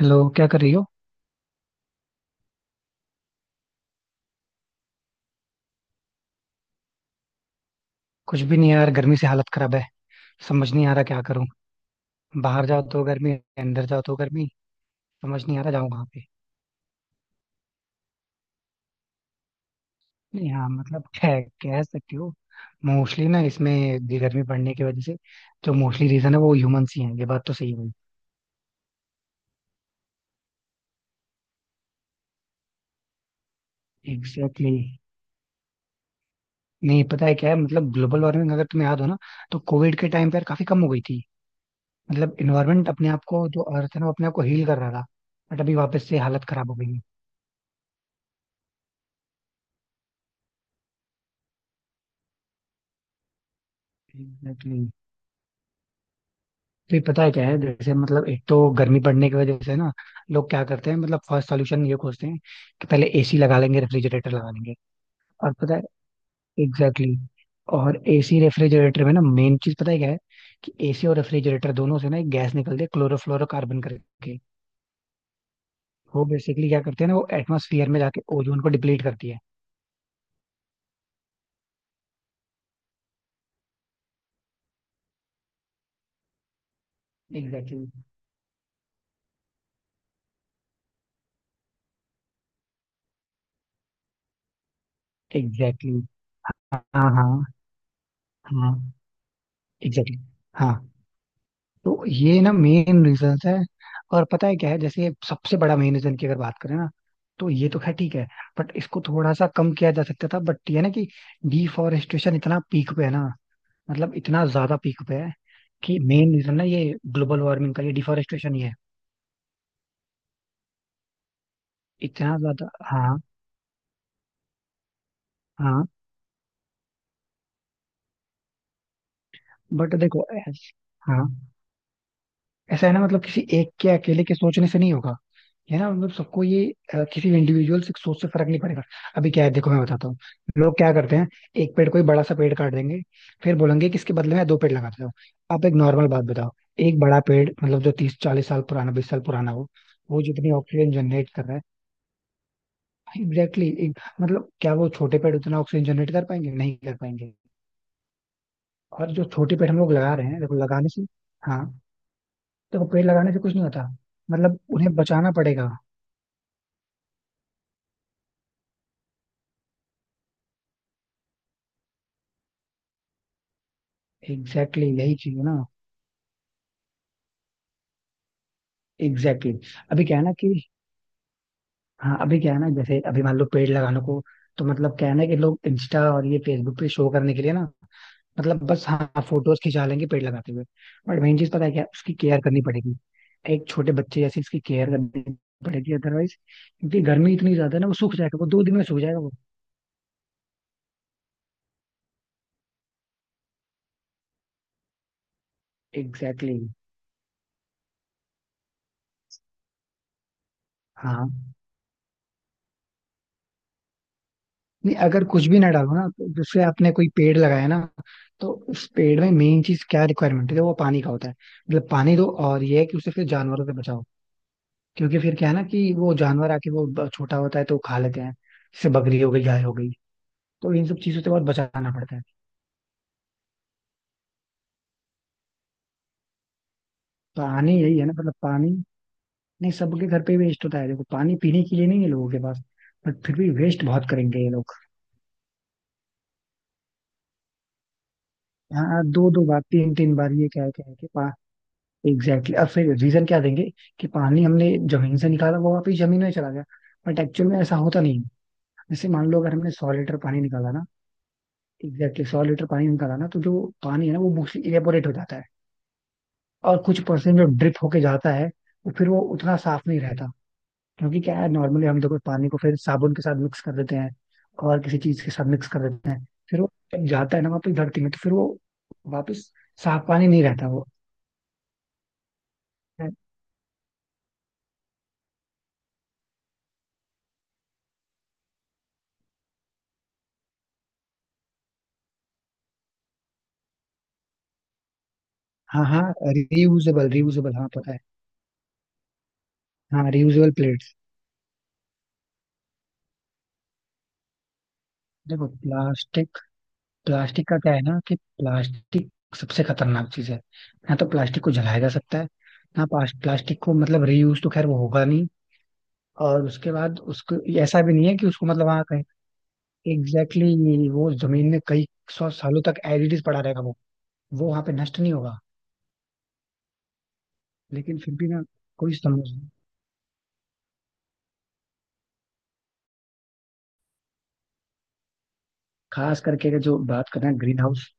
Hello, क्या कर रही हो? कुछ भी नहीं यार, गर्मी से हालत खराब है. समझ नहीं आ रहा क्या करूं. बाहर जाओ तो गर्मी, अंदर जाओ तो गर्मी. समझ नहीं आ रहा जाऊं कहाँ पे. नहीं, हाँ, मतलब है, कह सकती हो. मोस्टली ना इसमें, ये गर्मी पड़ने की वजह से जो मोस्टली रीजन है वो ह्यूमंस ही हैं, ये बात तो सही हुई. Exactly exactly. नहीं, पता है क्या है, मतलब ग्लोबल वार्मिंग अगर तुम्हें याद हो ना, तो कोविड के टाइम पर काफी कम हो गई थी. मतलब इन्वायरमेंट अपने आप को, जो अर्थ है ना, वो अपने आप को हील कर रहा था. बट अभी वापस से हालत खराब हो गई है. एग्जैक्टली. फिर पता है क्या है, जैसे मतलब एक तो गर्मी बढ़ने की वजह से ना, लोग क्या करते हैं, मतलब फर्स्ट सॉल्यूशन ये खोजते हैं, कि पहले एसी लगा लेंगे, रेफ्रिजरेटर लगा लेंगे. और पता है. एग्जैक्टली exactly, और एसी रेफ्रिजरेटर में ना मेन चीज पता है क्या है? कि एसी और रेफ्रिजरेटर दोनों से ना एक गैस निकलती है, क्लोरोफ्लोरोकार्बन करके. वो बेसिकली क्या करते हैं ना, वो एटमोसफियर में जाके ओजोन को डिप्लीट करती है. Exactly exactly. Exactly exactly. हाँ, हाँ, हाँ. Exactly exactly. हाँ. तो ये ना मेन रीजंस है. और पता है क्या है, जैसे सबसे बड़ा मेन रीजन की अगर बात करें ना, तो ये तो खैर ठीक है, बट इसको थोड़ा सा कम किया जा सकता था. बट ये ना कि डिफॉरेस्टेशन इतना पीक पे है ना, मतलब इतना ज्यादा पीक पे है. कि मेन रीजन ना ये ग्लोबल वार्मिंग का, ये डिफॉरेस्टेशन ही है. इतना ज्यादा, हाँ, हाँ. बट देखो, हाँ, ऐसा है ना, मतलब किसी एक के अकेले के सोचने से नहीं होगा. ये ना मतलब सबको ये, किसी इंडिविजुअल सोच से फर्क नहीं पड़ेगा. अभी क्या है, देखो मैं बताता हूँ, लोग क्या करते हैं. एक पेड़ कोई बड़ा सा पेड़ काट देंगे. फिर बोलेंगे कि इसके बदले में दो पेड़ लगा देता हूँ. आप एक नॉर्मल बात बताओ. एक बड़ा पेड़ मतलब जो 30 40 साल पुराना, 20 साल पुराना हो, वो जितनी ऑक्सीजन जनरेट कर रहा है. एग्जैक्टली exactly, मतलब क्या वो छोटे पेड़ उतना ऑक्सीजन जनरेट कर पाएंगे? नहीं कर पाएंगे. और जो छोटे पेड़ हम लोग लगा रहे हैं, देखो लगाने से, हाँ, देखो पेड़ लगाने से कुछ नहीं होता, मतलब उन्हें बचाना पड़ेगा. एग्जैक्टली exactly, यही चीज है ना. Exactly exactly. अभी क्या है ना कि हाँ, अभी क्या है ना, जैसे अभी मान लो पेड़ लगाने को, तो मतलब क्या है ना, कि लोग इंस्टा और ये फेसबुक पे शो करने के लिए ना, मतलब बस, हाँ, फोटोज खिंचा लेंगे पेड़ लगाते हुए. बट मेन चीज पता है क्या है? उसकी केयर करनी पड़ेगी. एक छोटे बच्चे जैसे इसकी केयर करनी पड़ेगी, अदरवाइज, क्योंकि गर्मी इतनी ज्यादा है ना, वो 2 दिन में सूख जाएगा वो. Exactly exactly. हाँ. नहीं, अगर कुछ भी ना डालो ना, तो जैसे आपने कोई पेड़ लगाया ना, तो उस पेड़ में मेन चीज क्या रिक्वायरमेंट है, वो पानी का होता है. मतलब पानी दो, और ये है कि उसे फिर जानवरों से बचाओ, क्योंकि फिर क्या है ना, कि वो जानवर आके छोटा होता है तो वो खा लेते हैं. जैसे बकरी हो गई, गाय हो गई, तो इन सब चीजों से बहुत बचाना पड़ता है. पानी यही है ना मतलब पानी. नहीं, सबके घर पे वेस्ट होता है, देखो पानी पीने के लिए नहीं है लोगों के पास, बट फिर भी वेस्ट बहुत करेंगे ये लोग. हाँ, दो दो बार, तीन तीन बार, ये कह कह के. Exactly exactly. अब फिर रीजन क्या देंगे, कि पानी हमने जमीन से निकाला वो वापस जमीन में चला गया. बट एक्चुअल में ऐसा होता नहीं है. जैसे मान लो अगर हमने 100 लीटर पानी निकाला ना. एग्जैक्टली, 100 लीटर पानी निकाला ना, तो जो पानी है ना, वो मोस्टली इवेपोरेट हो जाता है. और कुछ परसेंट जो ड्रिप होके जाता है, वो फिर वो उतना साफ नहीं रहता, क्योंकि क्या है, नॉर्मली हम देखो पानी को फिर साबुन के साथ मिक्स कर देते हैं. और किसी चीज के साथ मिक्स कर देते हैं, फिर वो जब जाता है ना वापस धरती में, तो फिर वो वापस साफ पानी नहीं रहता वो. हाँ, हाँ, रियूजेबल, रियूजेबल, हाँ पता है. हाँ, रियूजेबल प्लेट्स. देखो प्लास्टिक. प्लास्टिक का क्या है ना, कि प्लास्टिक सबसे खतरनाक चीज है. ना तो प्लास्टिक को जलाया जा सकता है, ना प्लास्टिक को मतलब रीयूज तो खैर वो होगा नहीं. और उसके बाद उसको, ऐसा भी नहीं है कि उसको मतलब वहाँ कहीं. एग्जैक्टली exactly, वो जमीन में कई सौ सालों तक एडिड पड़ा रहेगा वो. वो वहाँ पे नष्ट नहीं होगा. लेकिन फिर भी ना, कोई समझ नहीं. खास करके अगर जो बात करना ग्रीन हाउस.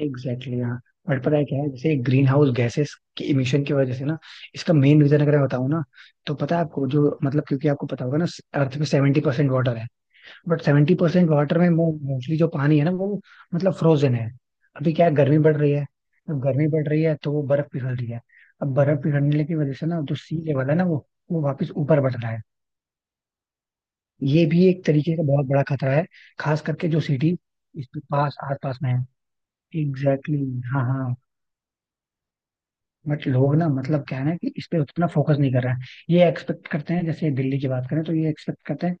एग्जैक्टली exactly, हाँ. बट पता है क्या है, जैसे ग्रीन हाउस गैसेस की इमिशन की वजह से ना, इसका मेन रीजन अगर मैं बताऊँ ना, तो पता है आपको जो मतलब, क्योंकि आपको पता होगा ना, अर्थ पे 70% वाटर है. बट 70% वाटर में मोस्टली जो पानी है ना, वो मतलब फ्रोजन है. अभी क्या है, गर्मी बढ़ रही है. अब गर्मी बढ़ रही है, तो वो बर्फ पिघल रही है. अब बर्फ पिघलने की वजह से ना, जो सी लेवल है ना, वो वापस ऊपर बढ़ रहा है. ये भी एक तरीके का बहुत बड़ा खतरा है. खास करके जो सिटी इसके पास आस पास में है. एग्जैक्टली exactly, हाँ, हाँ. बट लोग ना, मतलब क्या है ना, कि इस पे उतना फोकस नहीं कर रहे हैं. ये एक्सपेक्ट करते हैं, जैसे दिल्ली की बात करें तो ये एक्सपेक्ट करते हैं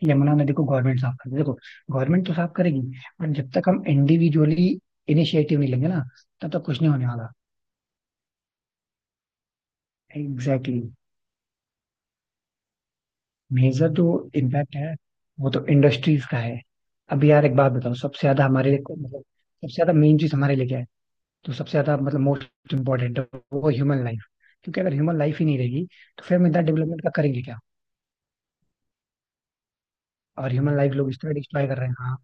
कि यमुना नदी को गवर्नमेंट साफ कर दे. देखो, गवर्नमेंट तो साफ करेगी, बट जब तक हम इंडिविजुअली इनिशिएटिव नहीं लेंगे ना, तब तक कुछ नहीं होने वाला. एग्जैक्टली. मेजर जो इम्पैक्ट है, वो तो इंडस्ट्रीज का है. अब यार एक बात बताओ, सबसे ज्यादा हमारे लिए मतलब, सबसे ज्यादा मेन चीज हमारे लिए क्या है? तो सबसे ज्यादा मतलब मोस्ट इम्पोर्टेंट, वो ह्यूमन लाइफ. क्योंकि अगर ह्यूमन लाइफ ही नहीं रहेगी, तो फिर हम इतना डेवलपमेंट का करेंगे क्या? और ह्यूमन लाइफ लोग इसलिए डिस्ट्रॉय कर रहे हैं. हाँ.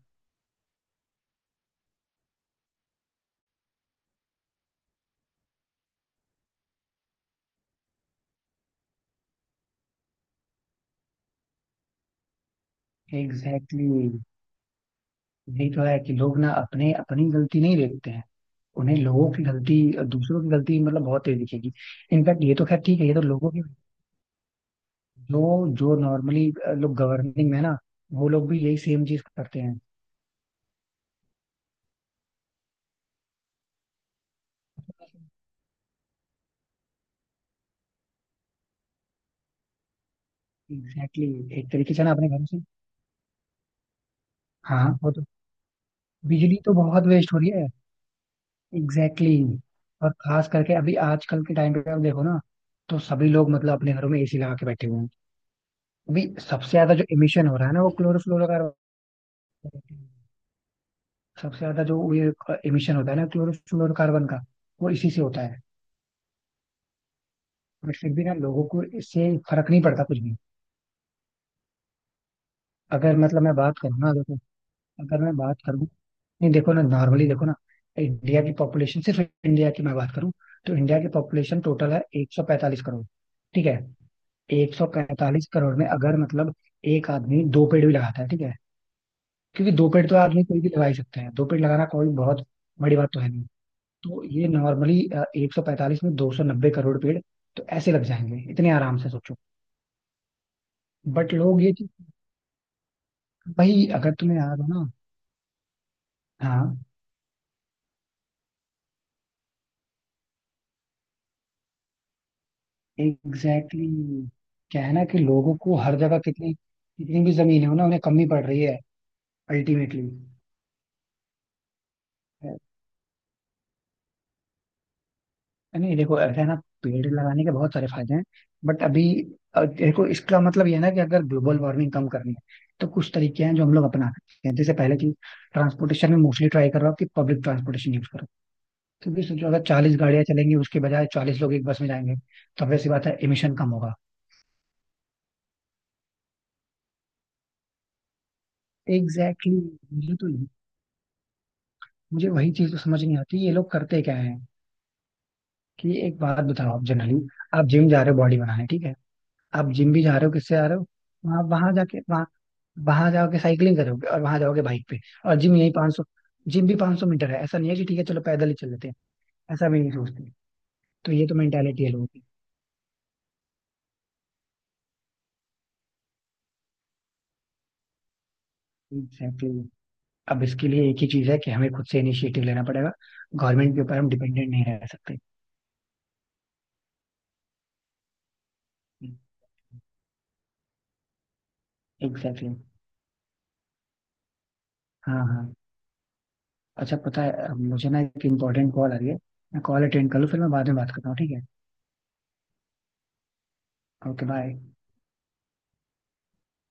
Exactly exactly. यही तो है कि लोग ना अपने अपनी गलती नहीं देखते हैं. उन्हें लोगों की गलती, दूसरों की गलती मतलब बहुत तेज दिखेगी. इनफैक्ट ये तो खैर ठीक है, ये तो लोगों की जो, जो नॉर्मली लोग गवर्निंग में ना, वो लोग भी यही सेम चीज करते हैं. Exactly exactly. एक तरीके से ना अपने घर से. हाँ वो तो, बिजली तो बहुत वेस्ट हो रही है. Exactly exactly. और खास करके अभी आजकल के टाइम पे आप देखो ना, तो सभी लोग मतलब अपने घरों में एसी लगा के बैठे हुए हैं. अभी सबसे ज्यादा जो इमिशन हो रहा है ना, वो क्लोरोफ्लोरोकार्बन. सबसे ज्यादा जो ये इमिशन होता है ना क्लोरोफ्लोरोकार्बन का, वो इसी से होता है. बट फिर भी ना, लोगों को इससे फर्क नहीं पड़ता कुछ भी. अगर मतलब मैं बात करूँ ना, देखो, अगर मैं बात करूँ, नहीं देखो ना, नॉर्मली देखो ना, इंडिया की पॉपुलेशन सिर्फ, इंडिया की मैं बात करूँ, तो इंडिया की पॉपुलेशन टोटल है 145 करोड़. ठीक है. 145 करोड़ में अगर मतलब एक आदमी दो पेड़ भी लगाता है, ठीक है, क्योंकि दो पेड़ तो आदमी कोई भी लगा ही सकता है, दो पेड़ लगाना कोई बहुत बड़ी बात तो है नहीं. तो ये नॉर्मली 145 में 290 करोड़ पेड़ तो ऐसे लग जाएंगे इतने आराम से, सोचो. बट लोग ये चीज. भाई अगर तुम्हें याद हो ना. हाँ. एग्जैक्टली exactly, क्या है ना कि लोगों को हर जगह कितनी कितनी भी जमीन हो ना, उन्हें कमी पड़ रही है. अल्टीमेटली. नहीं देखो, ऐसा है ना, पेड़ लगाने के बहुत सारे फायदे हैं. बट अभी देखो इसका मतलब ये है ना कि अगर ग्लोबल वार्मिंग कम करनी है, तो कुछ तरीके हैं जो हम लोग अपना सकते हैं, जैसे पहले की ट्रांसपोर्टेशन में मोस्टली ट्राई कर रहा हूँ कि पब्लिक ट्रांसपोर्टेशन यूज. क्योंकि सोचो, अगर 40 गाड़ियां चलेंगी, उसके बजाय 40 लोग एक बस में जाएंगे, तो वैसी बात है, एमिशन कम होगा. Exactly exactly. मुझे वही चीज तो समझ नहीं आती, ये लोग करते क्या है, कि एक बात बताओ, आप जनरली, आप जिम जा रहे हो बॉडी बनाने, ठीक है. आप जिम भी जा रहे हो, किससे आ रहे हो? वहां वहां जाके, वहां वहां जाओगे साइकिलिंग करोगे, और वहां जाओगे बाइक पे. और जिम यही 500 सौ, जिम भी 500 मीटर है. ऐसा नहीं है कि ठीक है चलो पैदल ही चल लेते हैं. ऐसा भी नहीं सोचते. तो ये तो मेंटेलिटी है लोगों की. एग्जैक्टली. अब इसके लिए एक ही चीज है कि हमें खुद से इनिशिएटिव लेना पड़ेगा. गवर्नमेंट के ऊपर हम डिपेंडेंट नहीं रह सकते. Exactly exactly. हाँ, हाँ. अच्छा, पता है, अब मुझे ना एक इम्पोर्टेंट कॉल आ रही है, मैं कॉल अटेंड कर लूँ, फिर मैं बाद में बात करता हूँ, ठीक है. Okay, bye.